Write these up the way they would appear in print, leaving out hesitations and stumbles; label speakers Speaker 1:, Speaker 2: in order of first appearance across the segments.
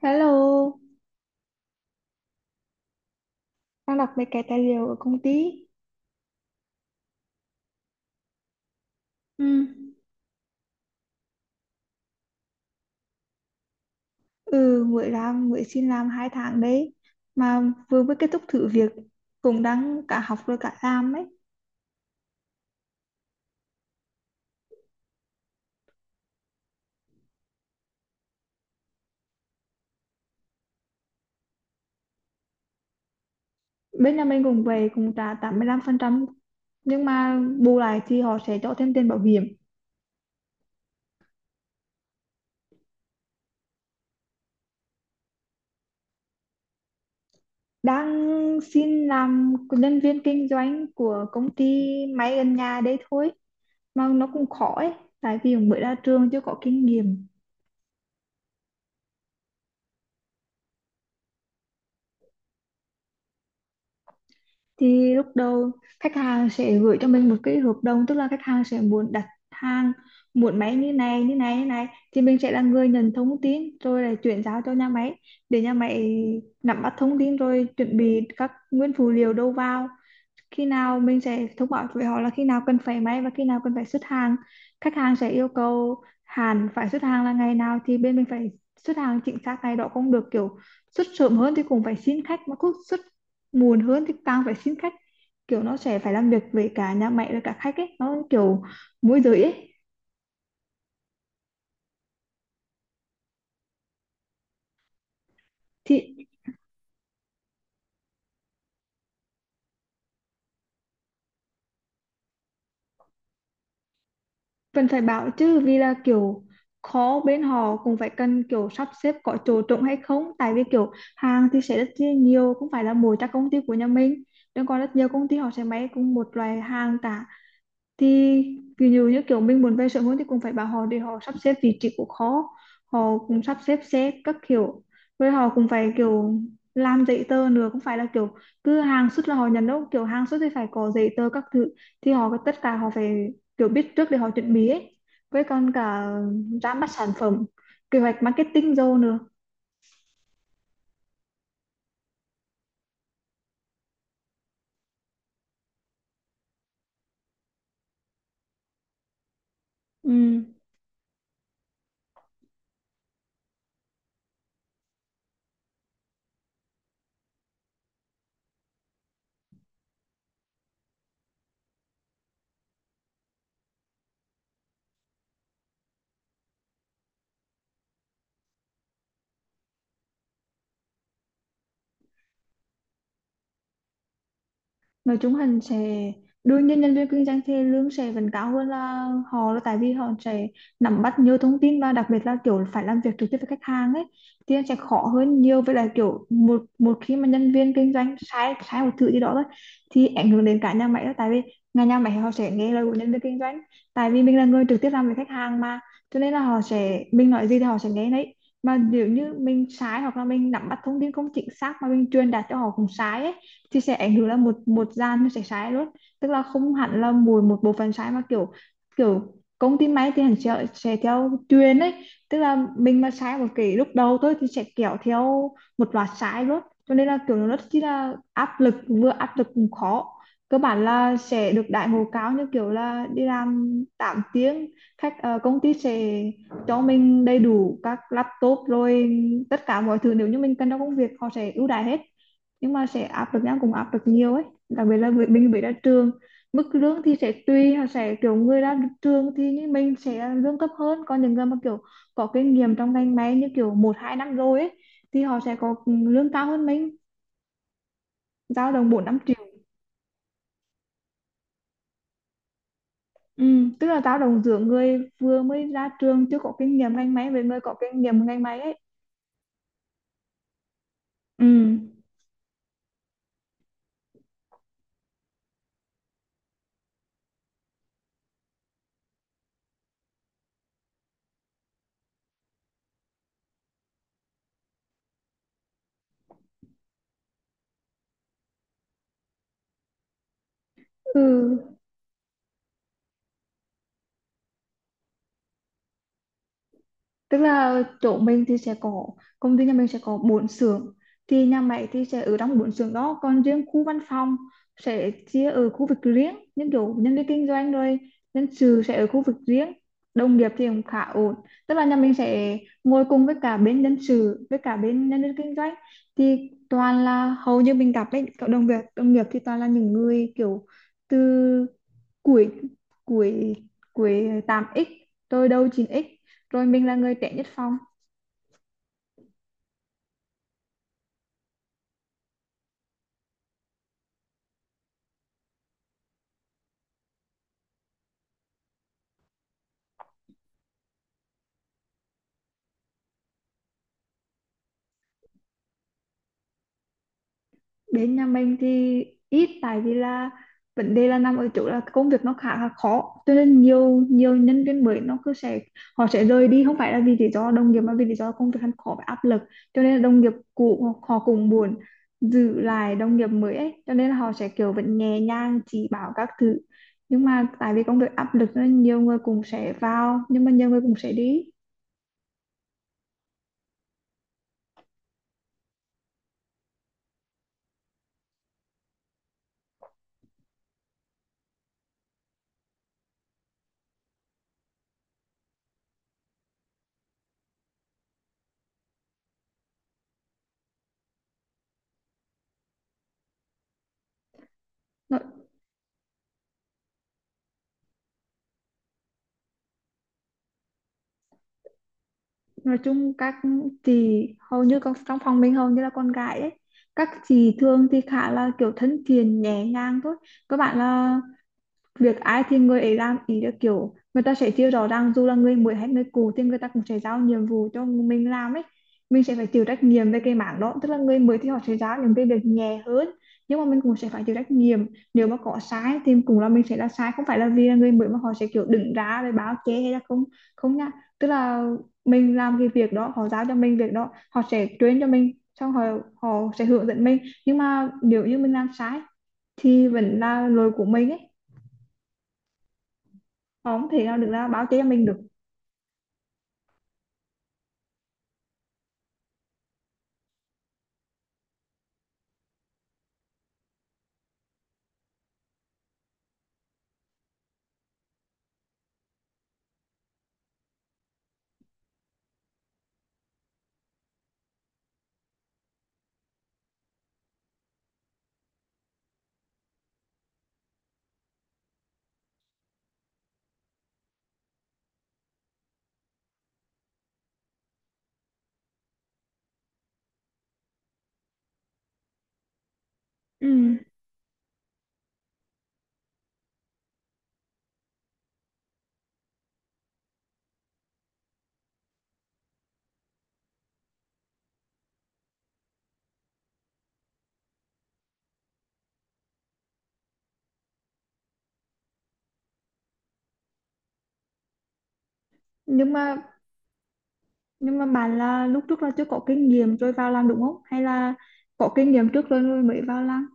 Speaker 1: Hello, đang đọc mấy cái tài liệu ở công ty. Ừ. Ừ, mới làm, mới xin làm 2 tháng đấy. Mà vừa mới kết thúc thử việc, cũng đang cả học rồi cả làm ấy. Bên nhà mình cũng về, cũng trả 85%, nhưng mà bù lại thì họ sẽ cho thêm tiền bảo hiểm. Đang xin làm nhân viên kinh doanh của công ty máy gần nhà đấy thôi. Mà nó cũng khó ấy, tại vì mới ra trường chưa có kinh nghiệm. Thì lúc đầu khách hàng sẽ gửi cho mình một cái hợp đồng, tức là khách hàng sẽ muốn đặt hàng, muốn máy như này như này như này, thì mình sẽ là người nhận thông tin rồi là chuyển giao cho nhà máy để nhà máy nắm bắt thông tin rồi chuẩn bị các nguyên phụ liệu đầu vào. Khi nào mình sẽ thông báo với họ là khi nào cần phải máy và khi nào cần phải xuất hàng. Khách hàng sẽ yêu cầu hàng phải xuất hàng là ngày nào thì bên mình phải xuất hàng chính xác ngày đó cũng được, kiểu xuất sớm hơn thì cũng phải xin khách, mà cứ xuất muộn hơn thì càng phải xin khách. Kiểu nó sẽ phải làm việc với cả nhà máy và cả khách ấy, nó kiểu môi giới ấy. Thì vẫn phải bảo chứ, vì là kiểu khó, bên họ cũng phải cần kiểu sắp xếp có chỗ trống hay không, tại vì kiểu hàng thì sẽ rất chi nhiều, không phải là mỗi các công ty của nhà mình nhưng còn rất nhiều công ty họ sẽ may cùng một loại hàng cả. Thì ví dụ như kiểu mình muốn về sớm hơn thì cũng phải bảo họ để họ sắp xếp vị trí của khó, họ cũng sắp xếp xe các kiểu, với họ cũng phải kiểu làm giấy tờ nữa, cũng phải là kiểu cứ hàng xuất là họ nhận đâu, kiểu hàng xuất thì phải có giấy tờ các thứ, thì họ tất cả họ phải kiểu biết trước để họ chuẩn bị ấy. Với còn cả ra mắt sản phẩm, kế hoạch marketing rồi nữa. Ừ. Nói chung hắn sẽ, đương nhiên nhân viên kinh doanh thì lương sẽ vẫn cao hơn là họ, là tại vì họ sẽ nắm bắt nhiều thông tin và đặc biệt là kiểu phải làm việc trực tiếp với khách hàng ấy, thì nó sẽ khó hơn nhiều. Với lại kiểu một một khi mà nhân viên kinh doanh sai sai một thứ gì đó thôi thì ảnh hưởng đến cả nhà máy đó, tại vì nhà nhà máy họ sẽ nghe lời của nhân viên kinh doanh, tại vì mình là người trực tiếp làm với khách hàng mà, cho nên là họ sẽ, mình nói gì thì họ sẽ nghe đấy. Mà nếu như mình sai hoặc là mình nắm bắt thông tin không chính xác mà mình truyền đạt cho họ cũng sai ấy, thì sẽ ảnh hưởng là một một gian nó sẽ sai luôn, tức là không hẳn là mùi một bộ phận sai mà kiểu, kiểu công ty máy thì hẳn sẽ theo truyền ấy, tức là mình mà sai một cái lúc đầu thôi thì sẽ kéo theo một loạt sai luôn. Cho nên là kiểu nó rất chi là áp lực, vừa áp lực cũng khó. Cơ bản là sẽ được đãi ngộ cao, như kiểu là đi làm 8 tiếng, khách công ty sẽ cho mình đầy đủ các laptop rồi tất cả mọi thứ nếu như mình cần trong công việc, họ sẽ ưu đãi hết. Nhưng mà sẽ áp lực, nhau cũng áp lực nhiều ấy, đặc biệt là mình mới ra trường. Mức lương thì sẽ tùy, họ sẽ kiểu người ra trường thì như mình sẽ lương thấp hơn, còn những người mà kiểu có kinh nghiệm trong ngành máy, như kiểu một hai năm rồi ấy, thì họ sẽ có lương cao hơn mình, dao động 4 5 triệu. Ừ, tức là dao động giữa người vừa mới ra trường chưa có kinh nghiệm ngành máy với người có kinh nghiệm ngành máy ấy. Ừ. Ừ, tức là chỗ mình thì sẽ có, công ty nhà mình sẽ có 4 xưởng, thì nhà máy thì sẽ ở trong 4 xưởng đó, còn riêng khu văn phòng sẽ chia ở khu vực riêng, những kiểu nhân viên kinh doanh rồi nhân sự sẽ ở khu vực riêng. Đồng nghiệp thì cũng khá ổn, tức là nhà mình sẽ ngồi cùng với cả bên nhân sự với cả bên nhân viên kinh doanh, thì toàn là hầu như mình gặp ấy, cộng đồng việc đồng nghiệp thì toàn là những người kiểu từ Cuối cuối cuối 8x, tôi đâu 9x, rồi mình là người trẻ nhất phòng. Đến nhà mình thì ít, tại vì là vấn đề là nằm ở chỗ là công việc nó khá là khó, cho nên nhiều nhiều nhân viên mới nó cứ sẽ, họ sẽ rời đi không phải là vì lý do đồng nghiệp mà vì lý do công việc hắn khó và áp lực, cho nên là đồng nghiệp cũ họ cũng buồn, giữ lại đồng nghiệp mới ấy, cho nên là họ sẽ kiểu vẫn nhẹ nhàng chỉ bảo các thứ. Nhưng mà tại vì công việc áp lực cho nên nhiều người cũng sẽ vào nhưng mà nhiều người cũng sẽ đi. Nó nói chung các chị hầu như con trong phòng mình hầu như là con gái ấy, các chị thường thì khá là kiểu thân thiện nhẹ nhàng thôi. Các bạn là việc ai thì người ấy làm, ý là kiểu người ta sẽ chia rõ ràng, dù là người mới hay người cũ thì người ta cũng sẽ giao nhiệm vụ cho mình làm ấy, mình sẽ phải chịu trách nhiệm về cái mảng đó. Tức là người mới thì họ sẽ giao những cái việc nhẹ hơn, nhưng mà mình cũng sẽ phải chịu trách nhiệm, nếu mà có sai thì cũng là mình sẽ là sai, không phải là vì là người mới mà họ sẽ kiểu đứng ra để báo chê hay là không, không nha. Tức là mình làm cái việc đó, họ giao cho mình việc đó, họ sẽ truyền cho mình, xong họ, họ sẽ hướng dẫn mình, nhưng mà nếu như mình làm sai thì vẫn là lỗi của mình ấy, không thể nào được ra báo cho mình được. Ừ. nhưng mà nhưng mà bạn là lúc trước là chưa có kinh nghiệm rồi vào làm đúng không, hay là có kinh nghiệm trước rồi rồi mới vào làm?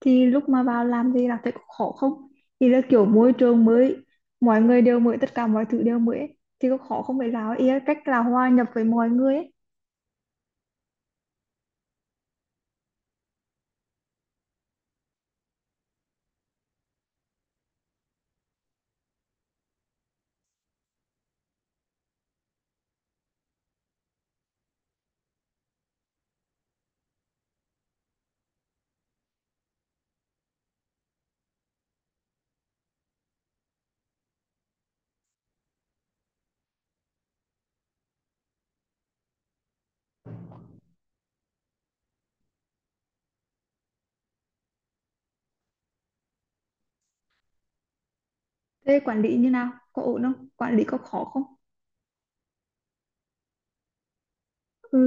Speaker 1: Thì lúc mà vào làm thì là thấy có khó không? Thì là kiểu môi trường mới, mọi người đều mới, tất cả mọi thứ đều mới ấy, thì có khó không? Phải là ý là cách là hòa nhập với mọi người ấy. Thế quản lý như nào, có ổn không, quản lý có khó không? Ừ.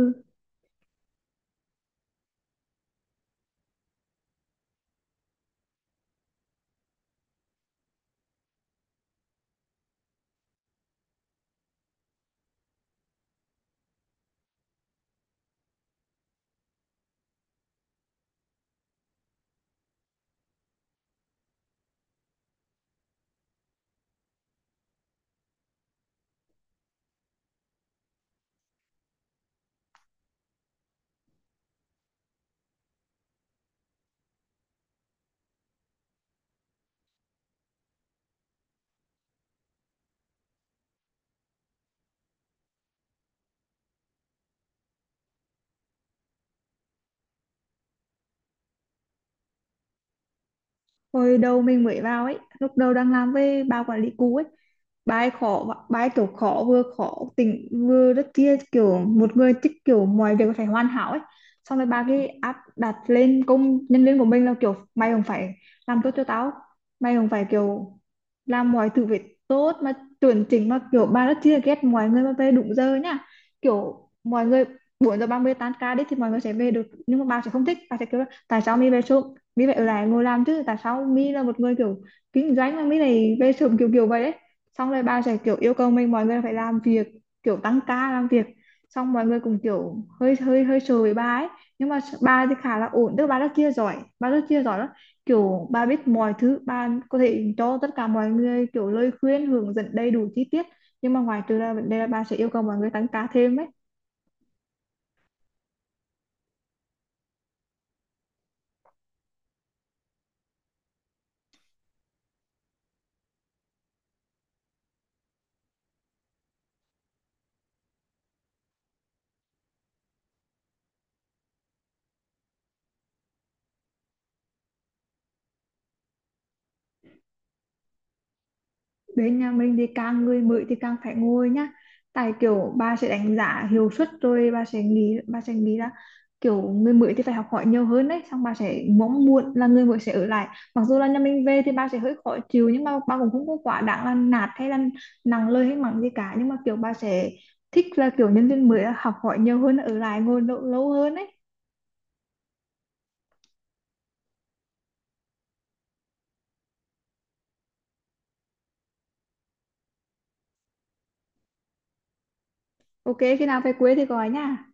Speaker 1: Hồi đầu mình mới vào ấy, lúc đầu đang làm với bà quản lý cũ ấy, bài khó, bài kiểu khó, vừa khó tỉnh vừa rất kia, kiểu một người thích kiểu mọi việc phải hoàn hảo ấy. Xong rồi bà cái áp đặt lên công nhân viên của mình là kiểu mày không phải làm tốt cho tao, mày không phải kiểu làm mọi thứ phải tốt mà chuẩn chỉnh, mà kiểu bà rất chia ghét mọi người mà về đúng giờ nhá. Kiểu mọi người 4 giờ 30 tan ca đi thì mọi người sẽ về được, nhưng mà bà sẽ không thích, bà sẽ kiểu là, tại sao mi về sớm, mi phải ở lại ngồi làm chứ, tại sao mi là một người kiểu kinh doanh mà mi này về sớm, kiểu kiểu vậy đấy. Xong rồi bà sẽ kiểu yêu cầu mình, mọi người phải làm việc, kiểu tăng ca làm việc, xong mọi người cũng kiểu hơi hơi hơi sợ với bà ấy. Nhưng mà bà thì khá là ổn, tức là bà rất chia giỏi, bà rất chia giỏi lắm, kiểu bà biết mọi thứ, bà có thể cho tất cả mọi người kiểu lời khuyên hướng dẫn đầy đủ chi tiết, nhưng mà ngoài trừ ra vấn đề là bà sẽ yêu cầu mọi người tăng ca thêm ấy. Bên nhà mình thì càng người mới thì càng phải ngồi nhá, tại kiểu bà sẽ đánh giá hiệu suất, rồi bà sẽ nghĩ, là kiểu người mới thì phải học hỏi nhiều hơn đấy, xong bà sẽ mong muốn là người mới sẽ ở lại. Mặc dù là nhà mình về thì bà sẽ hơi khó chịu, nhưng mà bà cũng không có quá đáng là nạt hay là nặng lời hay mắng gì cả, nhưng mà kiểu bà sẽ thích là kiểu nhân viên mới là học hỏi nhiều hơn, ở lại ngồi lâu hơn đấy. Ok, khi nào về quê thì gọi nha.